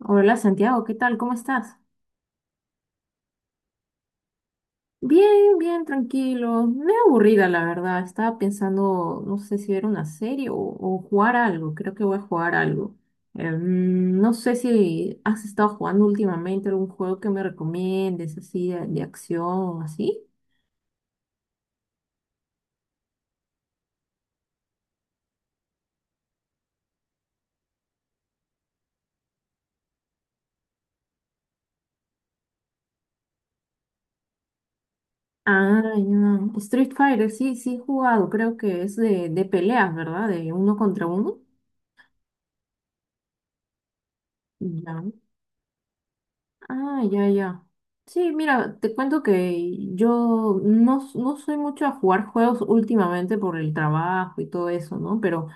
Hola Santiago, ¿qué tal? ¿Cómo estás? Bien, bien, tranquilo. Me aburrida, la verdad. Estaba pensando, no sé si ver una serie o jugar algo. Creo que voy a jugar algo. No sé si has estado jugando últimamente algún juego que me recomiendes, así de acción, así. Ah, ya. Street Fighter, sí, sí he jugado. Creo que es de peleas, ¿verdad? De uno contra uno. Ya. Ah, ya, ya. Sí, mira, te cuento que yo no, s- no soy mucho a jugar juegos últimamente por el trabajo y todo eso, ¿no? Pero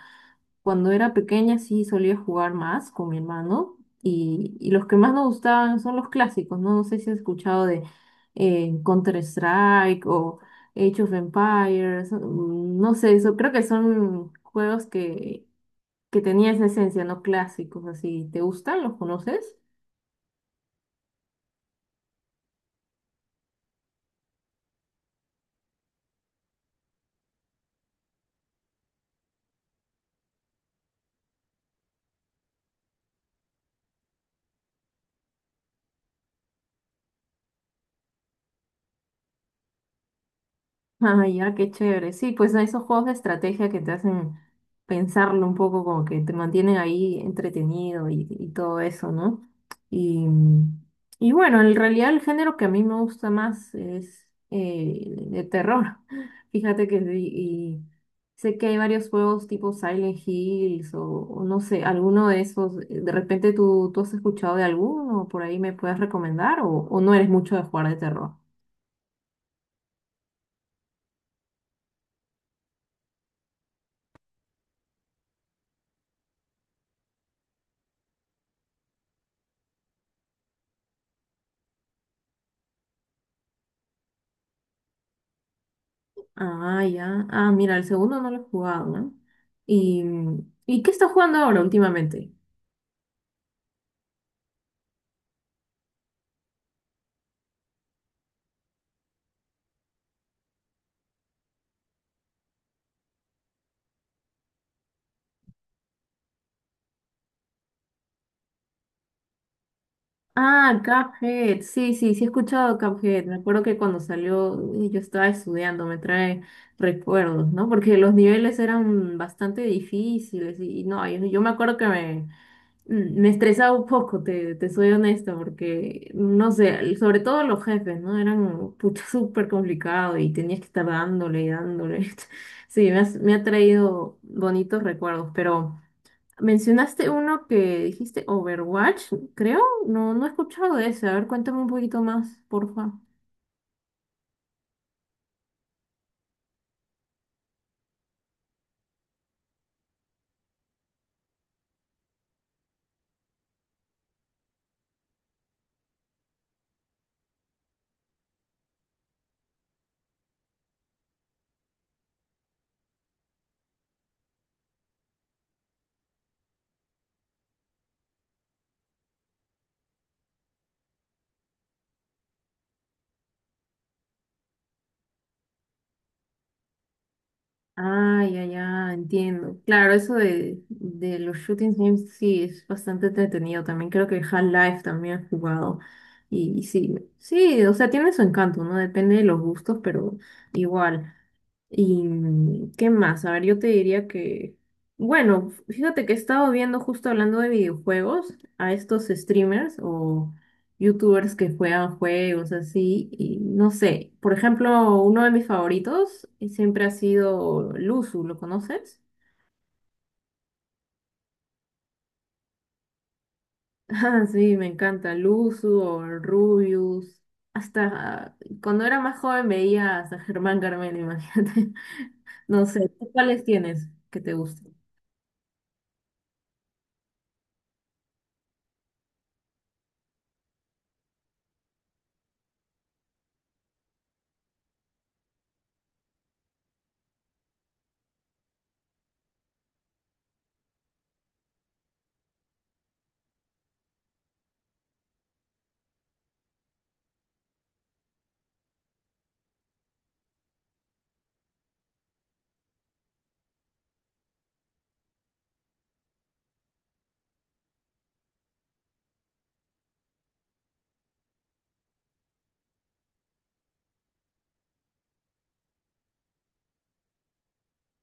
cuando era pequeña sí solía jugar más con mi hermano y los que más nos gustaban son los clásicos, ¿no? No sé si has escuchado de Counter-Strike o Age of Empires, no sé, eso creo que son juegos que tenían esa esencia, ¿no? Clásicos, así. ¿Te gustan? ¿Los conoces? Ah, ya, qué chévere. Sí, pues a esos juegos de estrategia que te hacen pensarlo un poco, como que te mantienen ahí entretenido y todo eso, ¿no? Y, y bueno, en realidad el género que a mí me gusta más es de terror. Fíjate que sí, y sé que hay varios juegos tipo Silent Hills o no sé, alguno de esos. ¿De repente tú has escuchado de alguno? ¿Por ahí me puedes recomendar? ¿O no eres mucho de jugar de terror? Ah, ya. Ah, mira, el segundo no lo he jugado, ¿no? ¿Y, ¿Y qué estás jugando ahora últimamente? Ah, Cuphead. Sí, sí, sí he escuchado Cuphead. Me acuerdo que cuando salió yo estaba estudiando, me trae recuerdos, ¿no? Porque los niveles eran bastante difíciles y no, yo me acuerdo que me estresaba un poco, te soy honesta, porque, no sé, sobre todo los jefes, ¿no? Eran pucha súper complicado y tenías que estar dándole y dándole. Sí, me ha traído bonitos recuerdos, pero mencionaste uno que dijiste Overwatch, creo. No, no he escuchado de ese. A ver, cuéntame un poquito más, porfa. Ah, ya, ya, entiendo. Claro, eso de los shooting games sí es bastante entretenido también. Creo que Half-Life también he jugado. Y sí, sí, o sea, tiene su encanto, ¿no? Depende de los gustos, pero igual. ¿Y qué más? A ver, yo te diría que, bueno, fíjate que he estado viendo justo hablando de videojuegos a estos streamers o youtubers que juegan juegos así y no sé, por ejemplo, uno de mis favoritos siempre ha sido Luzu, ¿lo conoces? Ah, sí, me encanta Luzu o Rubius. Hasta cuando era más joven veía a Germán Carmen, imagínate. No sé, ¿tú cuáles tienes que te gusten?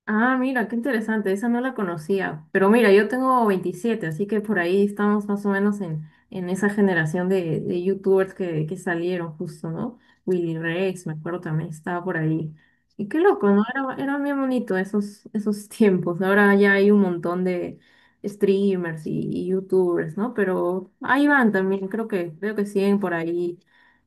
Ah, mira, qué interesante, esa no la conocía. Pero mira, yo tengo 27, así que por ahí estamos más o menos en esa generación de youtubers que salieron justo, ¿no? Willy Rex, me acuerdo también, estaba por ahí. Y qué loco, ¿no? Era, era bien bonito esos, esos tiempos. Ahora ya hay un montón de streamers y youtubers, ¿no? Pero ahí van también, creo que, veo que siguen por ahí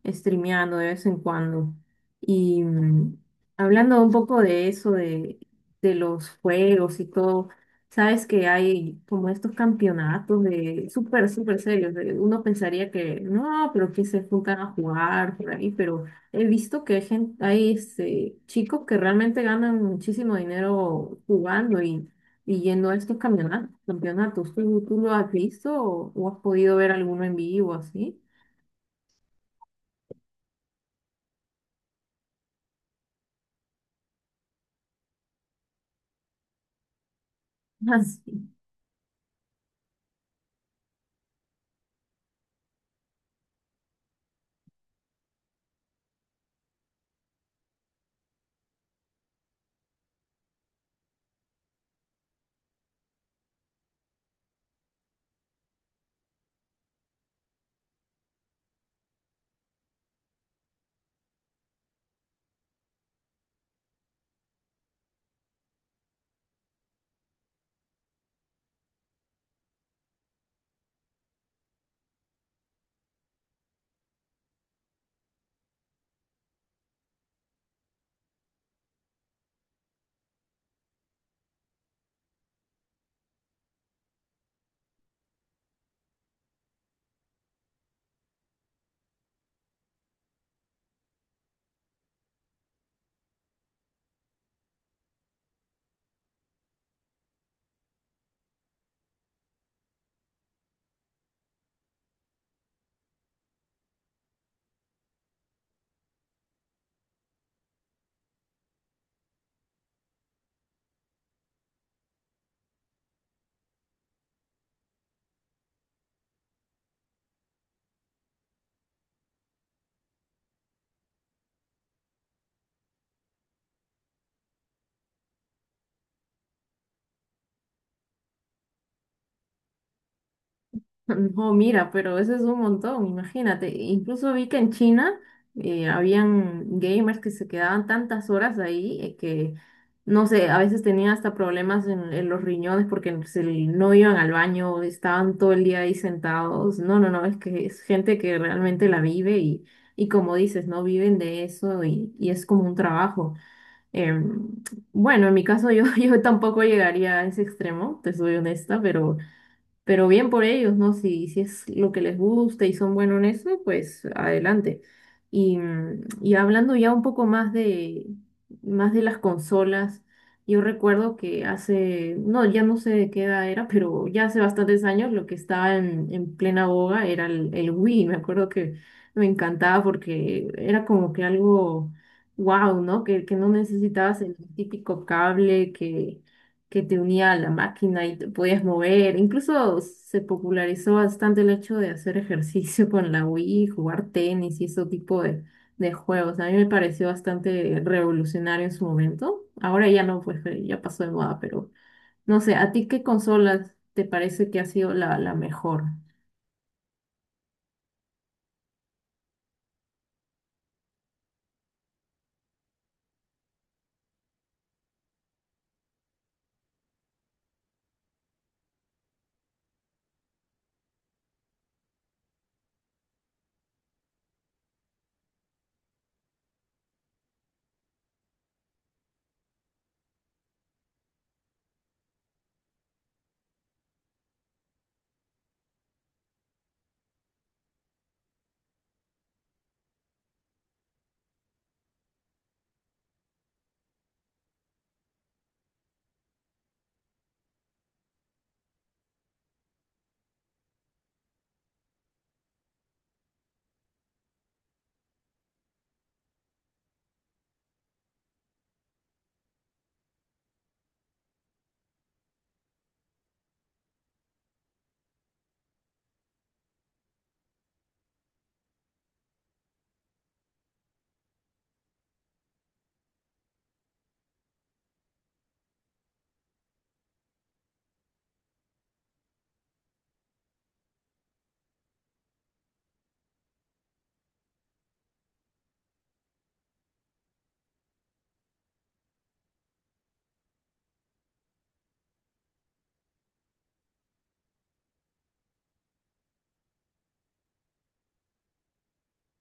streameando de vez en cuando. Y hablando un poco de eso, de los juegos y todo. Sabes que hay como estos campeonatos de súper, súper serios. Uno pensaría que no, pero que se juntan a jugar por ahí, pero he visto que hay gente, hay este, chicos que realmente ganan muchísimo dinero jugando y yendo a estos campeonatos. ¿Tú lo has visto o has podido ver alguno en vivo así? Así. No, mira, pero eso es un montón, imagínate. Incluso vi que en China habían gamers que se quedaban tantas horas ahí que, no sé, a veces tenían hasta problemas en los riñones porque no iban al baño, estaban todo el día ahí sentados. No, no, no, es que es gente que realmente la vive y como dices, no viven de eso y es como un trabajo. Em, bueno, en mi caso yo, yo tampoco llegaría a ese extremo, te soy honesta, pero bien por ellos, ¿no? Si, si es lo que les gusta y son buenos en eso, pues adelante. Y hablando ya un poco más de las consolas, yo recuerdo que hace, no, ya no sé de qué edad era, pero ya hace bastantes años lo que estaba en plena boga era el Wii. Me acuerdo que me encantaba porque era como que algo wow, ¿no? Que no necesitabas el típico cable que te unía a la máquina y te podías mover. Incluso se popularizó bastante el hecho de hacer ejercicio con la Wii, jugar tenis y ese tipo de juegos. A mí me pareció bastante revolucionario en su momento. Ahora ya no, pues ya pasó de moda, pero no sé, ¿a ti qué consolas te parece que ha sido la mejor?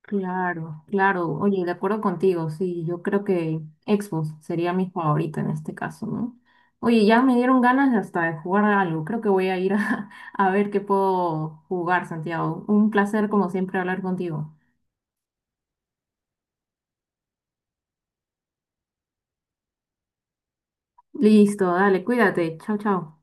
Claro, claro. Oye, de acuerdo contigo, sí, yo creo que Xbox sería mi favorita en este caso, ¿no? Oye, ya me dieron ganas de hasta de jugar algo. Creo que voy a ir a, a ver qué puedo jugar, Santiago. Un placer, como siempre, hablar contigo. Listo, dale, cuídate. Chao, chao.